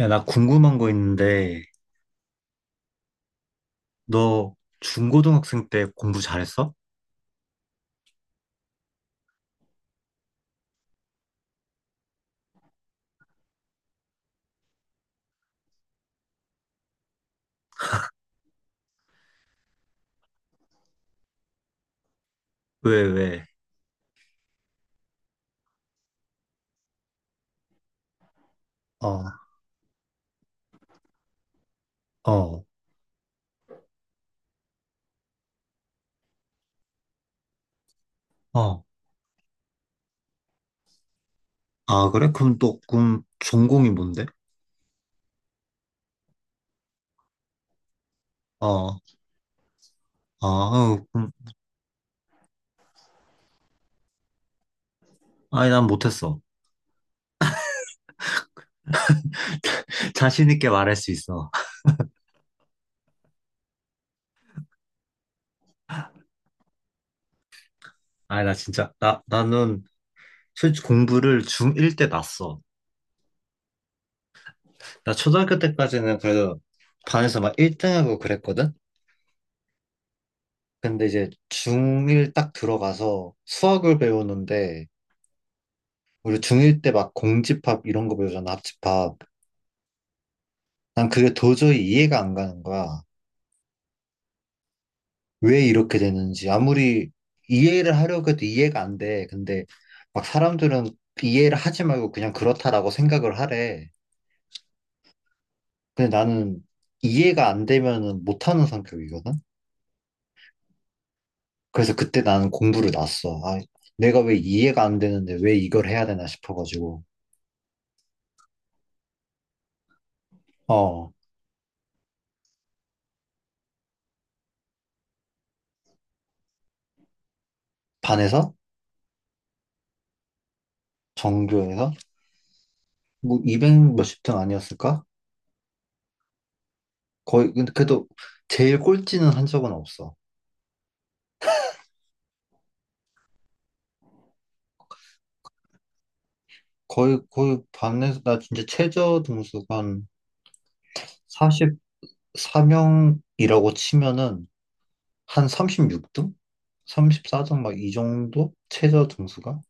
야, 나 궁금한 거 있는데, 너 중고등학생 때 공부 잘했어? 왜, 왜? 어, 어, 어. 아, 그래? 그럼 또, 그럼 전공이 뭔데? 어, 아, 어, 그럼, 아니, 난 못했어. 자신 있게 말할 수 있어. 아니, 나 진짜, 나는 솔직히 공부를 중1 때 났어. 나 초등학교 때까지는 그래도 반에서 막 1등하고 그랬거든? 근데 이제 중1 딱 들어가서 수학을 배우는데, 우리 중1 때 막 공집합 이런 거 배우잖아, 합집합. 난 그게 도저히 이해가 안 가는 거야. 왜 이렇게 되는지. 아무리 이해를 하려고 해도 이해가 안 돼. 근데 막 사람들은 이해를 하지 말고 그냥 그렇다라고 생각을 하래. 근데 나는 이해가 안 되면은 못하는 성격이거든? 그래서 그때 나는 공부를 놨어. 아, 내가 왜 이해가 안 되는데 왜 이걸 해야 되나 싶어가지고. 어, 반에서? 전교에서? 뭐 200 몇십 등 아니었을까? 거의 근데 그래도 제일 꼴찌는 한 적은 없어. 거의 반에서 나 진짜 최저 등수가 한 44명이라고 치면은 한 36등? 34등 막 이 정도? 최저 등수가?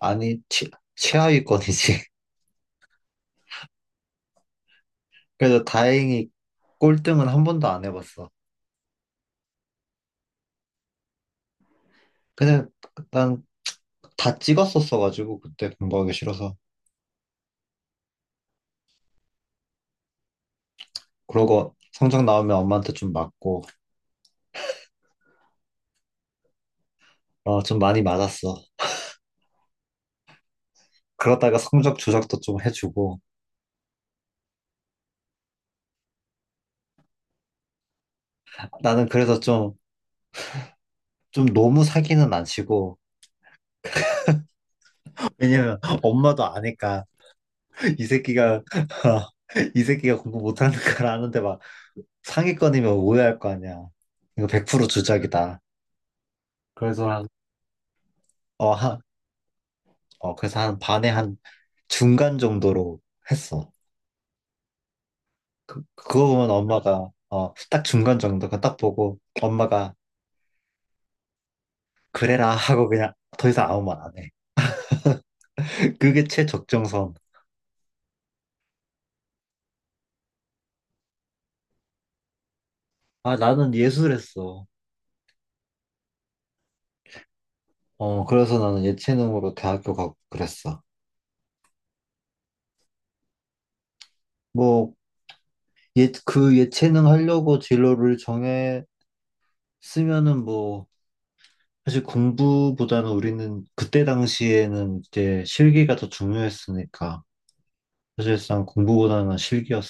아니 최하위권이지. 그래서 다행히 꼴등은 한 번도 안 해봤어. 근데 난 다 찍었었어가지고 그때 공부하기 싫어서 그러고 성적 나오면 엄마한테 좀 맞고 어 좀 많이 맞았어. 그러다가 성적 조작도 좀 해주고 나는 그래서 좀, 너무 사기는 안 치고, 왜냐면 엄마도 아니까, 이 새끼가, 이 새끼가 공부 못하는 걸 아는데 막 상위권이면 오해할 거 아니야. 이거 100% 주작이다. 그래서 어, 한, 한 반에 한 중간 정도로 했어. 그거 보면 엄마가, 딱 중간 정도, 그거 딱 보고, 엄마가, 그래라 하고 그냥 더 이상 아무 말 안 해. 그게 최적정선. 아, 나는 예술했어. 어, 그래서 나는 예체능으로 대학교 가고 그랬어. 뭐, 예, 그 예체능 하려고 진로를 정했으면은 뭐, 사실 공부보다는 우리는 그때 당시에는 이제 실기가 더 중요했으니까, 사실상 공부보다는 실기였어.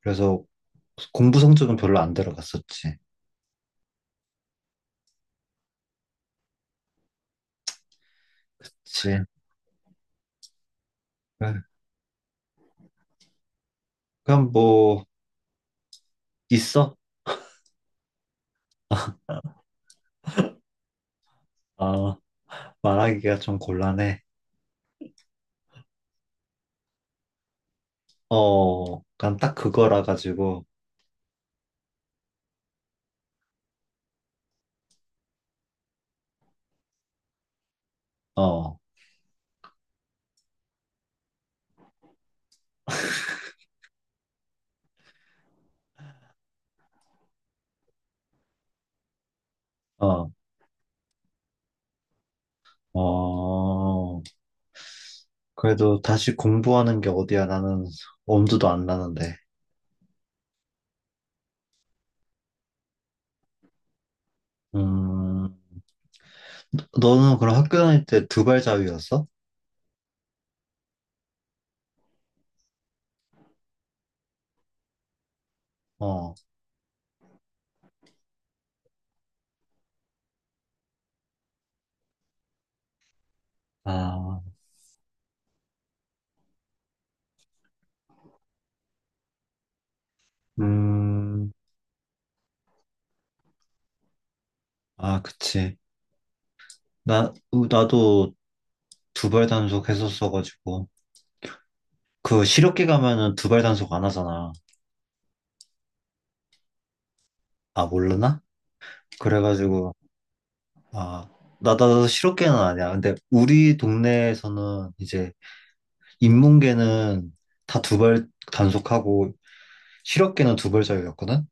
그래서 공부 성적은 별로 안 들어갔었지. 그치. 네. 그럼 뭐, 있어? 어, 말하기가 좀 곤란해. 어, 그냥 딱 그거라 가지고, 어, 어, 어. 그래도 다시 공부하는 게 어디야? 나는 엄두도 안 나는데. 음, 너는 그럼 학교 다닐 때 두발 자유였어? 어, 아, 음, 아, 그치. 나도 두발 단속 했었어가지고. 그 실업계 가면은 두발 단속 안 하잖아. 아, 모르나? 그래가지고, 아, 나도 실업계는 아니야. 근데 우리 동네에서는 이제 인문계는 다 두발 단속하고 실업계는 두발 자유였거든?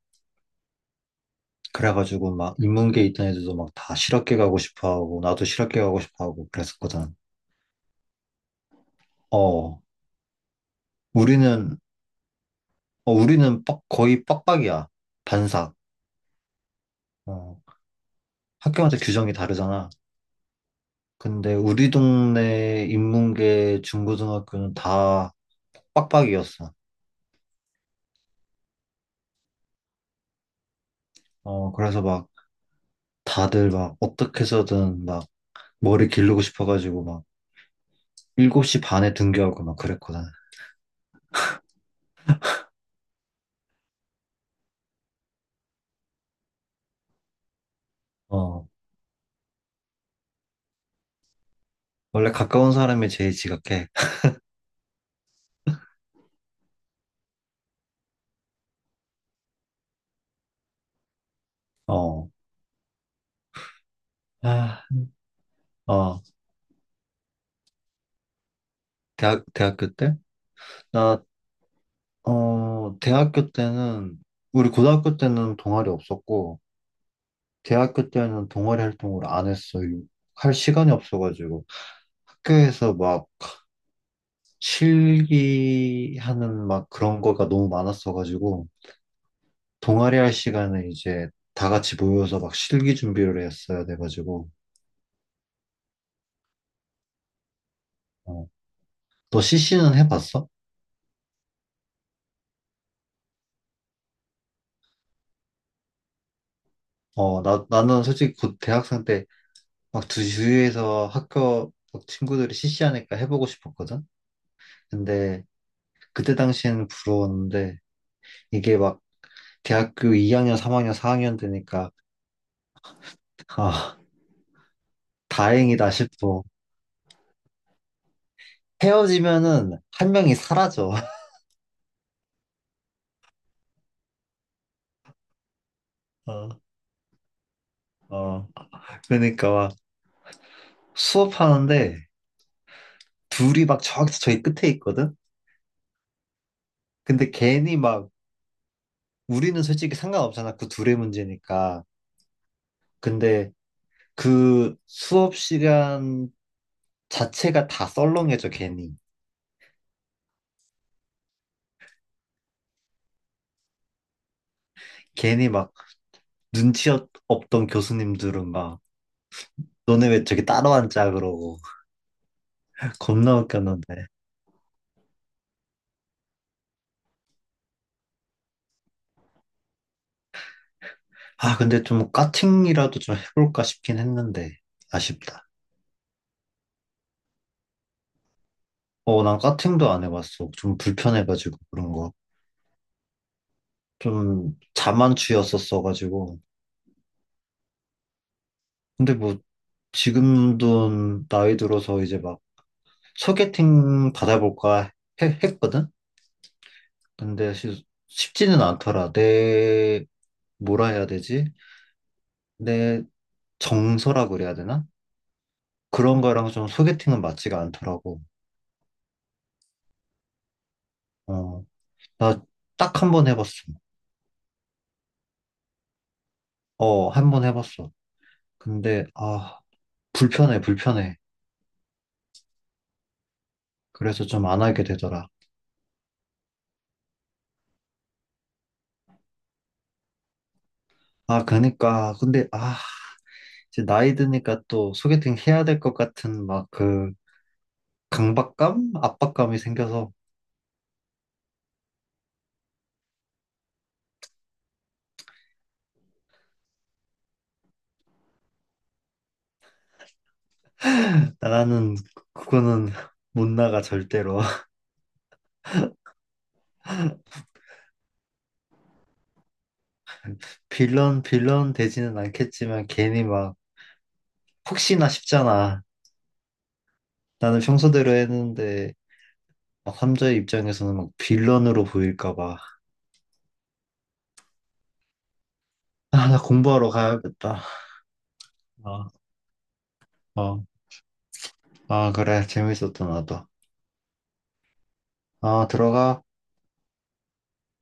그래가지고 막 인문계 있던 애들도 막 다 실업계 가고 싶어 하고 나도 실업계 가고 싶어 하고 그랬었거든. 어, 우리는 우리는 거의 빡빡이야. 반삭. 어, 학교마다 규정이 다르잖아. 근데 우리 동네 인문계 중고등학교는 다 빡빡이었어. 어, 그래서 막 다들 막 어떻게 해서든 막 머리 기르고 싶어가지고 막 7시 반에 등교하고 막 그랬거든. 어, 원래 가까운 사람이 제일 지각해. 어, 아, 어. 대학교 때? 나, 대학교 때는, 우리 고등학교 때는 동아리 없었고, 대학교 때는 동아리 활동을 안 했어요. 할 시간이 없어가지고. 학교에서 막 실기하는 막 그런 거가 너무 많았어가지고, 동아리 할 시간에 이제 다 같이 모여서 막 실기 준비를 했어야 돼가지고, 어. 너 CC는 해봤어? 어, 나는 솔직히 곧 대학생 때 막 주위에서 학교 막 친구들이 CC 하니까 해보고 싶었거든? 근데 그때 당시에는 부러웠는데 이게 막 대학교 2학년, 3학년, 4학년 되니까 아, 다행이다 싶어. 헤어지면은 한 명이 사라져. 어, 어. 그러니까 막 수업하는데 둘이 막 저기 저기 끝에 있거든? 근데 괜히 막 우리는 솔직히 상관없잖아. 그 둘의 문제니까. 근데 그 수업 시간 자체가 다 썰렁해져, 괜히. 괜히 막 눈치 없던 교수님들은 막 너네 왜 저기 따로 앉아 그러고 겁나 웃겼는데 아 근데 좀 까팅이라도 좀 해볼까 싶긴 했는데 아쉽다 어 난 까팅도 안 해봤어 좀 불편해가지고 그런 거 좀 자만추였었어가지고 근데 뭐 지금도 나이 들어서 이제 막 소개팅 받아볼까 했거든 근데 쉽지는 않더라 내 뭐라 해야 되지 내 정서라 그래야 되나 그런 거랑 좀 소개팅은 맞지가 않더라고 어 나 딱 한 번 해봤어. 어, 한 번 해봤어. 근데, 아, 불편해, 불편해. 그래서 좀 안 하게 되더라. 아, 그니까. 근데, 아, 이제 나이 드니까 또 소개팅 해야 될 것 같은 막 그 강박감? 압박감이 생겨서 나는 그거는 못 나가, 절대로. 빌런, 빌런 되지는 않겠지만 괜히 막 혹시나 싶잖아. 나는 평소대로 했는데 막 삼자의 입장에서는 막 빌런으로 보일까 봐. 아, 나 공부하러 가야겠다. 아. 어, 아, 그래. 재밌었다, 나도. 아, 들어가.